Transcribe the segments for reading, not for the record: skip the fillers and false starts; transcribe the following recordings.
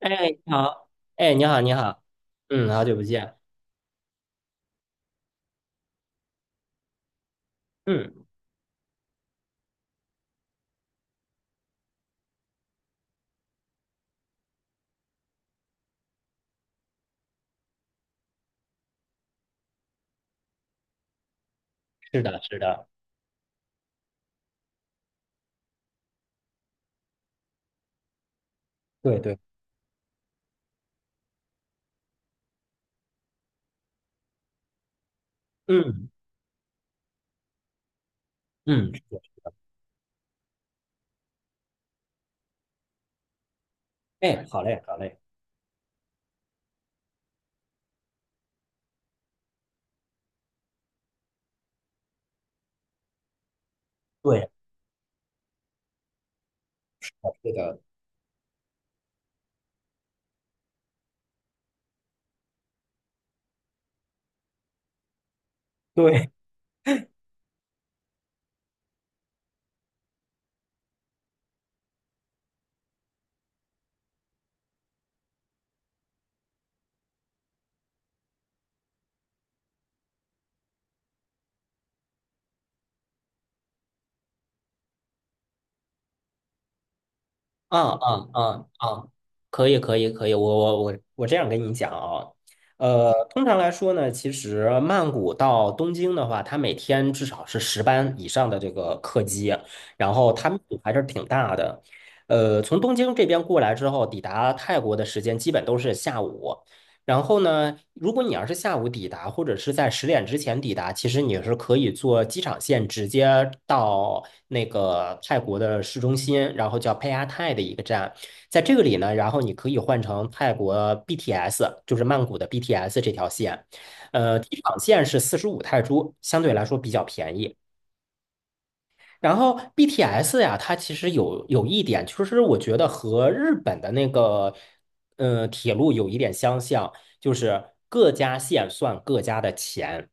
哎，你好，哎，你好，你好。嗯，好久不见。嗯，是的，是的。对对。嗯嗯，是的。哎，好嘞，好嘞。对，好是的。对。嗯嗯嗯嗯，可以，我这样跟你讲啊。通常来说呢，其实曼谷到东京的话，它每天至少是十班以上的这个客机，然后它密度还是挺大的。从东京这边过来之后，抵达泰国的时间基本都是下午。然后呢，如果你要是下午抵达，或者是在十点之前抵达，其实你是可以坐机场线直接到那个泰国的市中心，然后叫佩阿泰的一个站。在这个里呢，然后你可以换成泰国 BTS，就是曼谷的 BTS 这条线。机场线是四十五泰铢，相对来说比较便宜。然后 BTS 呀，它其实有一点，就是我觉得和日本的那个，铁路有一点相像，就是各家线算各家的钱。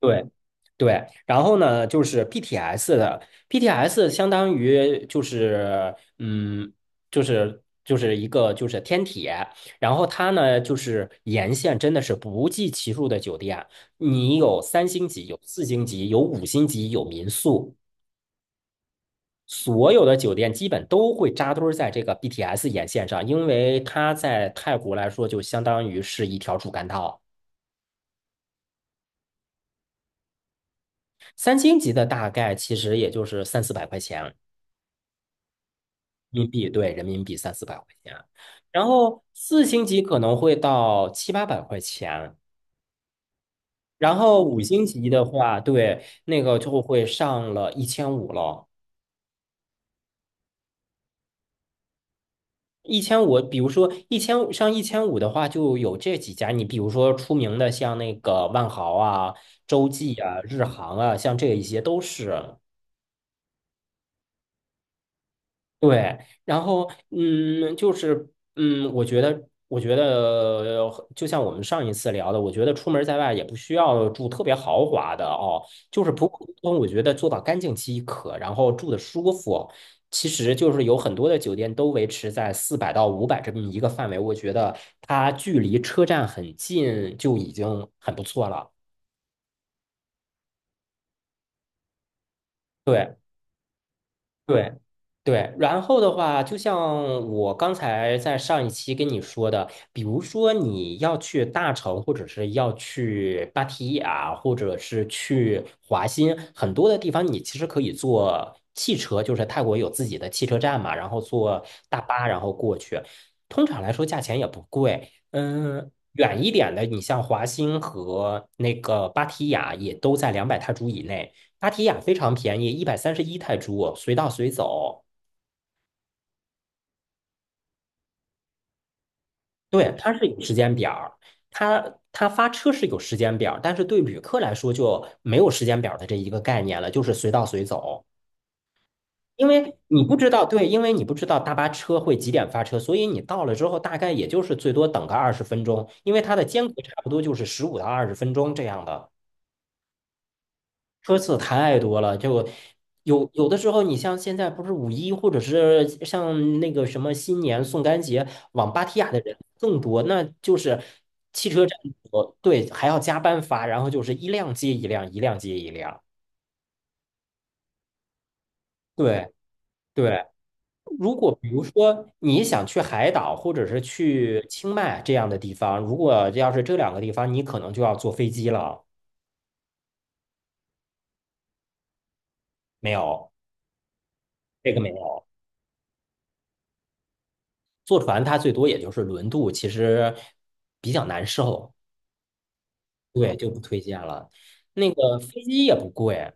对对。然后呢，就是 BTS 相当于就是嗯，就是一个就是天铁，然后它呢就是沿线真的是不计其数的酒店。你有三星级，有四星级，有五星级，有民宿。所有的酒店基本都会扎堆儿在这个 BTS 沿线上，因为它在泰国来说就相当于是一条主干道。三星级的大概其实也就是三四百块钱人民币，对，人民币三四百块钱。然后四星级可能会到七八百块钱。然后五星级的话，对，那个就会上了一千五了。一千五，比如说一千上一千五的话，就有这几家。你比如说出名的，像那个万豪啊、洲际啊、日航啊，像这一些都是。对，然后嗯，就是嗯，我觉得就像我们上一次聊的，我觉得出门在外也不需要住特别豪华的哦，就是普普通通，我觉得做到干净即可，然后住的舒服。其实就是有很多的酒店都维持在四百到五百这么一个范围，我觉得它距离车站很近就已经很不错了。对。对，对。然后的话，就像我刚才在上一期跟你说的，比如说你要去大城，或者是要去芭提雅，或者是去华新，很多的地方你其实可以坐汽车，就是泰国有自己的汽车站嘛，然后坐大巴然后过去，通常来说价钱也不贵。嗯，远一点的，你像华欣和那个芭提雅也都在两百泰铢以内。芭提雅非常便宜，一百三十一泰铢，随到随走。对，它是有时间表儿，它发车是有时间表儿，但是对旅客来说就没有时间表儿的这一个概念了，就是随到随走。因为你不知道，对，因为你不知道大巴车会几点发车，所以你到了之后，大概也就是最多等个二十分钟，因为它的间隔差不多就是十五到二十分钟这样的。车次太多了，就有的时候，你像现在不是五一，或者是像那个什么新年、宋干节，往芭提雅的人更多，那就是汽车站多，对，还要加班发，然后就是一辆接一辆，一辆接一辆，对对。如果比如说你想去海岛，或者是去清迈这样的地方，如果要是这两个地方，你可能就要坐飞机了。没有，这个没有，坐船它最多也就是轮渡，其实比较难受。对，就不推荐了。那个飞机也不贵。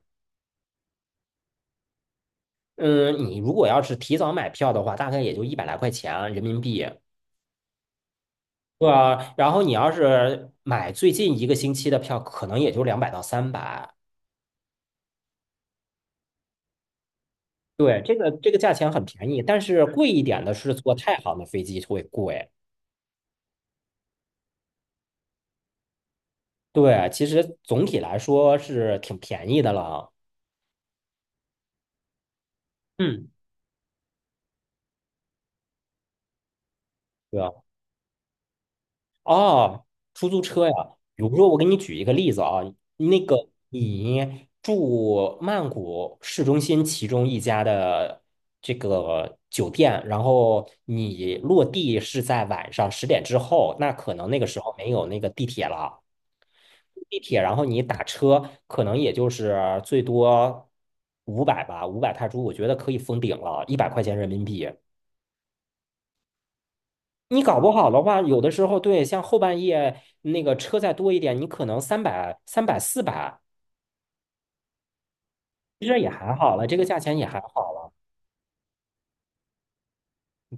嗯，你如果要是提早买票的话，大概也就一百来块钱人民币。对啊，然后你要是买最近一个星期的票，可能也就两百到三百。对，这个价钱很便宜，但是贵一点的是坐太行的飞机会贵。对，其实总体来说是挺便宜的了。嗯，对啊。哦，出租车呀，比如说我给你举一个例子啊，那个你住曼谷市中心其中一家的这个酒店，然后你落地是在晚上十点之后，那可能那个时候没有那个地铁了，地铁，然后你打车，可能也就是最多五百吧，五百泰铢，我觉得可以封顶了，一百块钱人民币。你搞不好的话，有的时候对，像后半夜那个车再多一点，你可能三百、三百、四百，其实也还好了，这个价钱也还好了。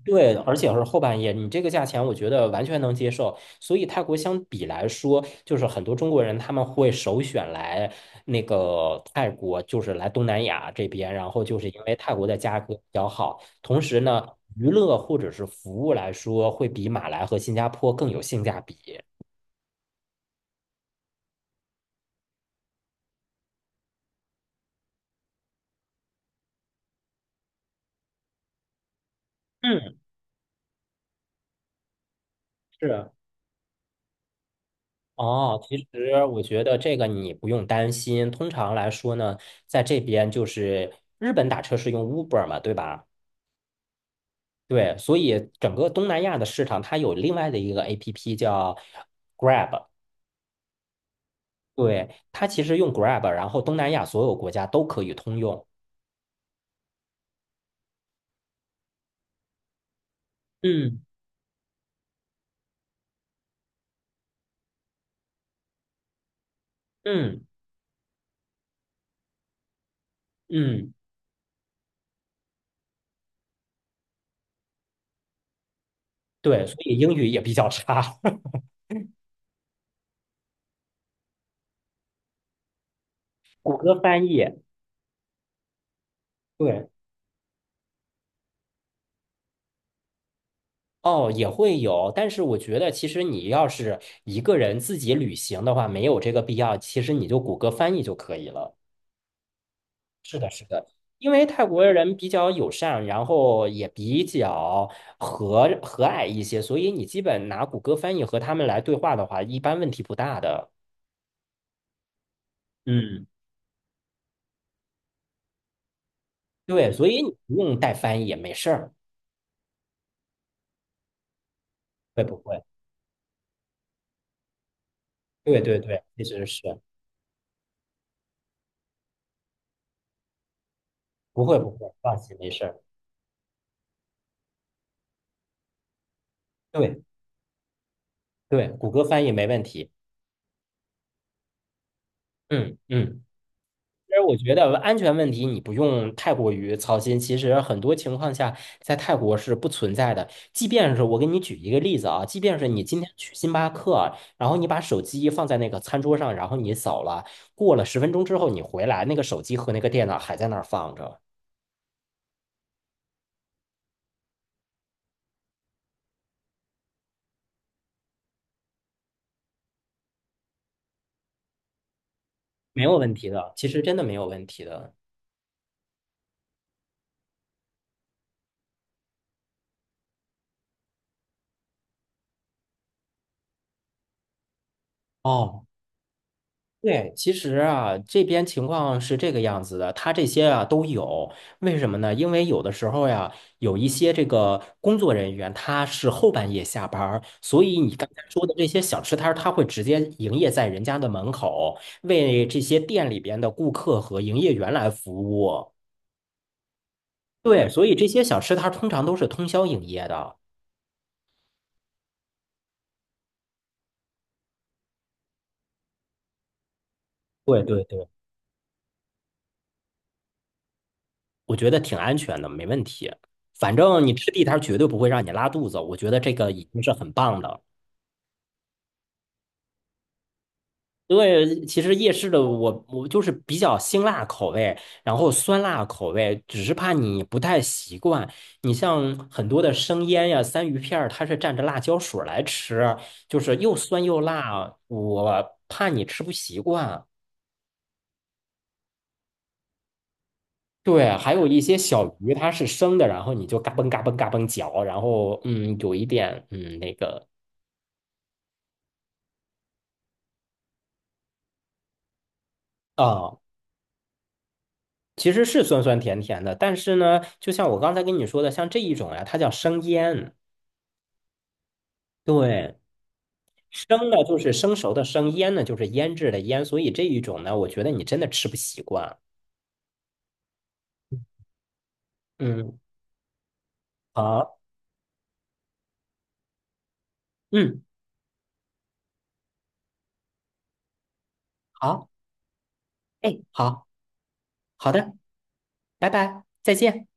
对，而且是后半夜，你这个价钱我觉得完全能接受。所以泰国相比来说，就是很多中国人他们会首选来那个泰国，就是来东南亚这边，然后就是因为泰国的价格比较好，同时呢，娱乐或者是服务来说，会比马来和新加坡更有性价比。嗯，是。哦，其实我觉得这个你不用担心。通常来说呢，在这边就是日本打车是用 Uber 嘛，对吧？对，所以整个东南亚的市场，它有另外的一个 APP 叫 Grab。对，它其实用 Grab，然后东南亚所有国家都可以通用。嗯嗯嗯。对，所以英语也比较差。谷歌翻译。对，哦，也会有，但是我觉得其实你要是一个人自己旅行的话，没有这个必要，其实你就谷歌翻译就可以了。是的，是的，因为泰国人比较友善，然后也比较和蔼一些，所以你基本拿谷歌翻译和他们来对话的话，一般问题不大的。嗯，对，所以你不用带翻译也没事儿。会不会？对对对，其实是不会，放心，没事儿。对对，谷歌翻译没问题。嗯嗯。其实我觉得安全问题你不用太过于操心。其实很多情况下，在泰国是不存在的。即便是我给你举一个例子啊，即便是你今天去星巴克啊，然后你把手机放在那个餐桌上，然后你扫了，过了十分钟之后你回来，那个手机和那个电脑还在那儿放着，没有问题的。其实真的没有问题的。哦，对，其实啊，这边情况是这个样子的，他这些啊都有。为什么呢？因为有的时候呀，有一些这个工作人员他是后半夜下班儿，所以你刚才说的这些小吃摊儿他会直接营业在人家的门口，为这些店里边的顾客和营业员来服务。对，所以这些小吃摊儿通常都是通宵营业的。对对对，我觉得挺安全的，没问题。反正你吃地摊儿绝对不会让你拉肚子，我觉得这个已经是很棒的。对，其实夜市的我就是比较辛辣口味，然后酸辣口味，只是怕你不太习惯。你像很多的生腌呀、三鱼片儿，它是蘸着辣椒水儿来吃，就是又酸又辣，我怕你吃不习惯。对，还有一些小鱼它是生的，然后你就嘎嘣嘎嘣嘎嘣嚼，然后嗯，有一点嗯那个啊。其实是酸酸甜甜的，但是呢，就像我刚才跟你说的，像这一种呀，它叫生腌。对，生呢就是生熟的生，腌呢就是腌制的腌，所以这一种呢，我觉得你真的吃不习惯。嗯，好，嗯，好，哎，好，好的，拜拜，再见。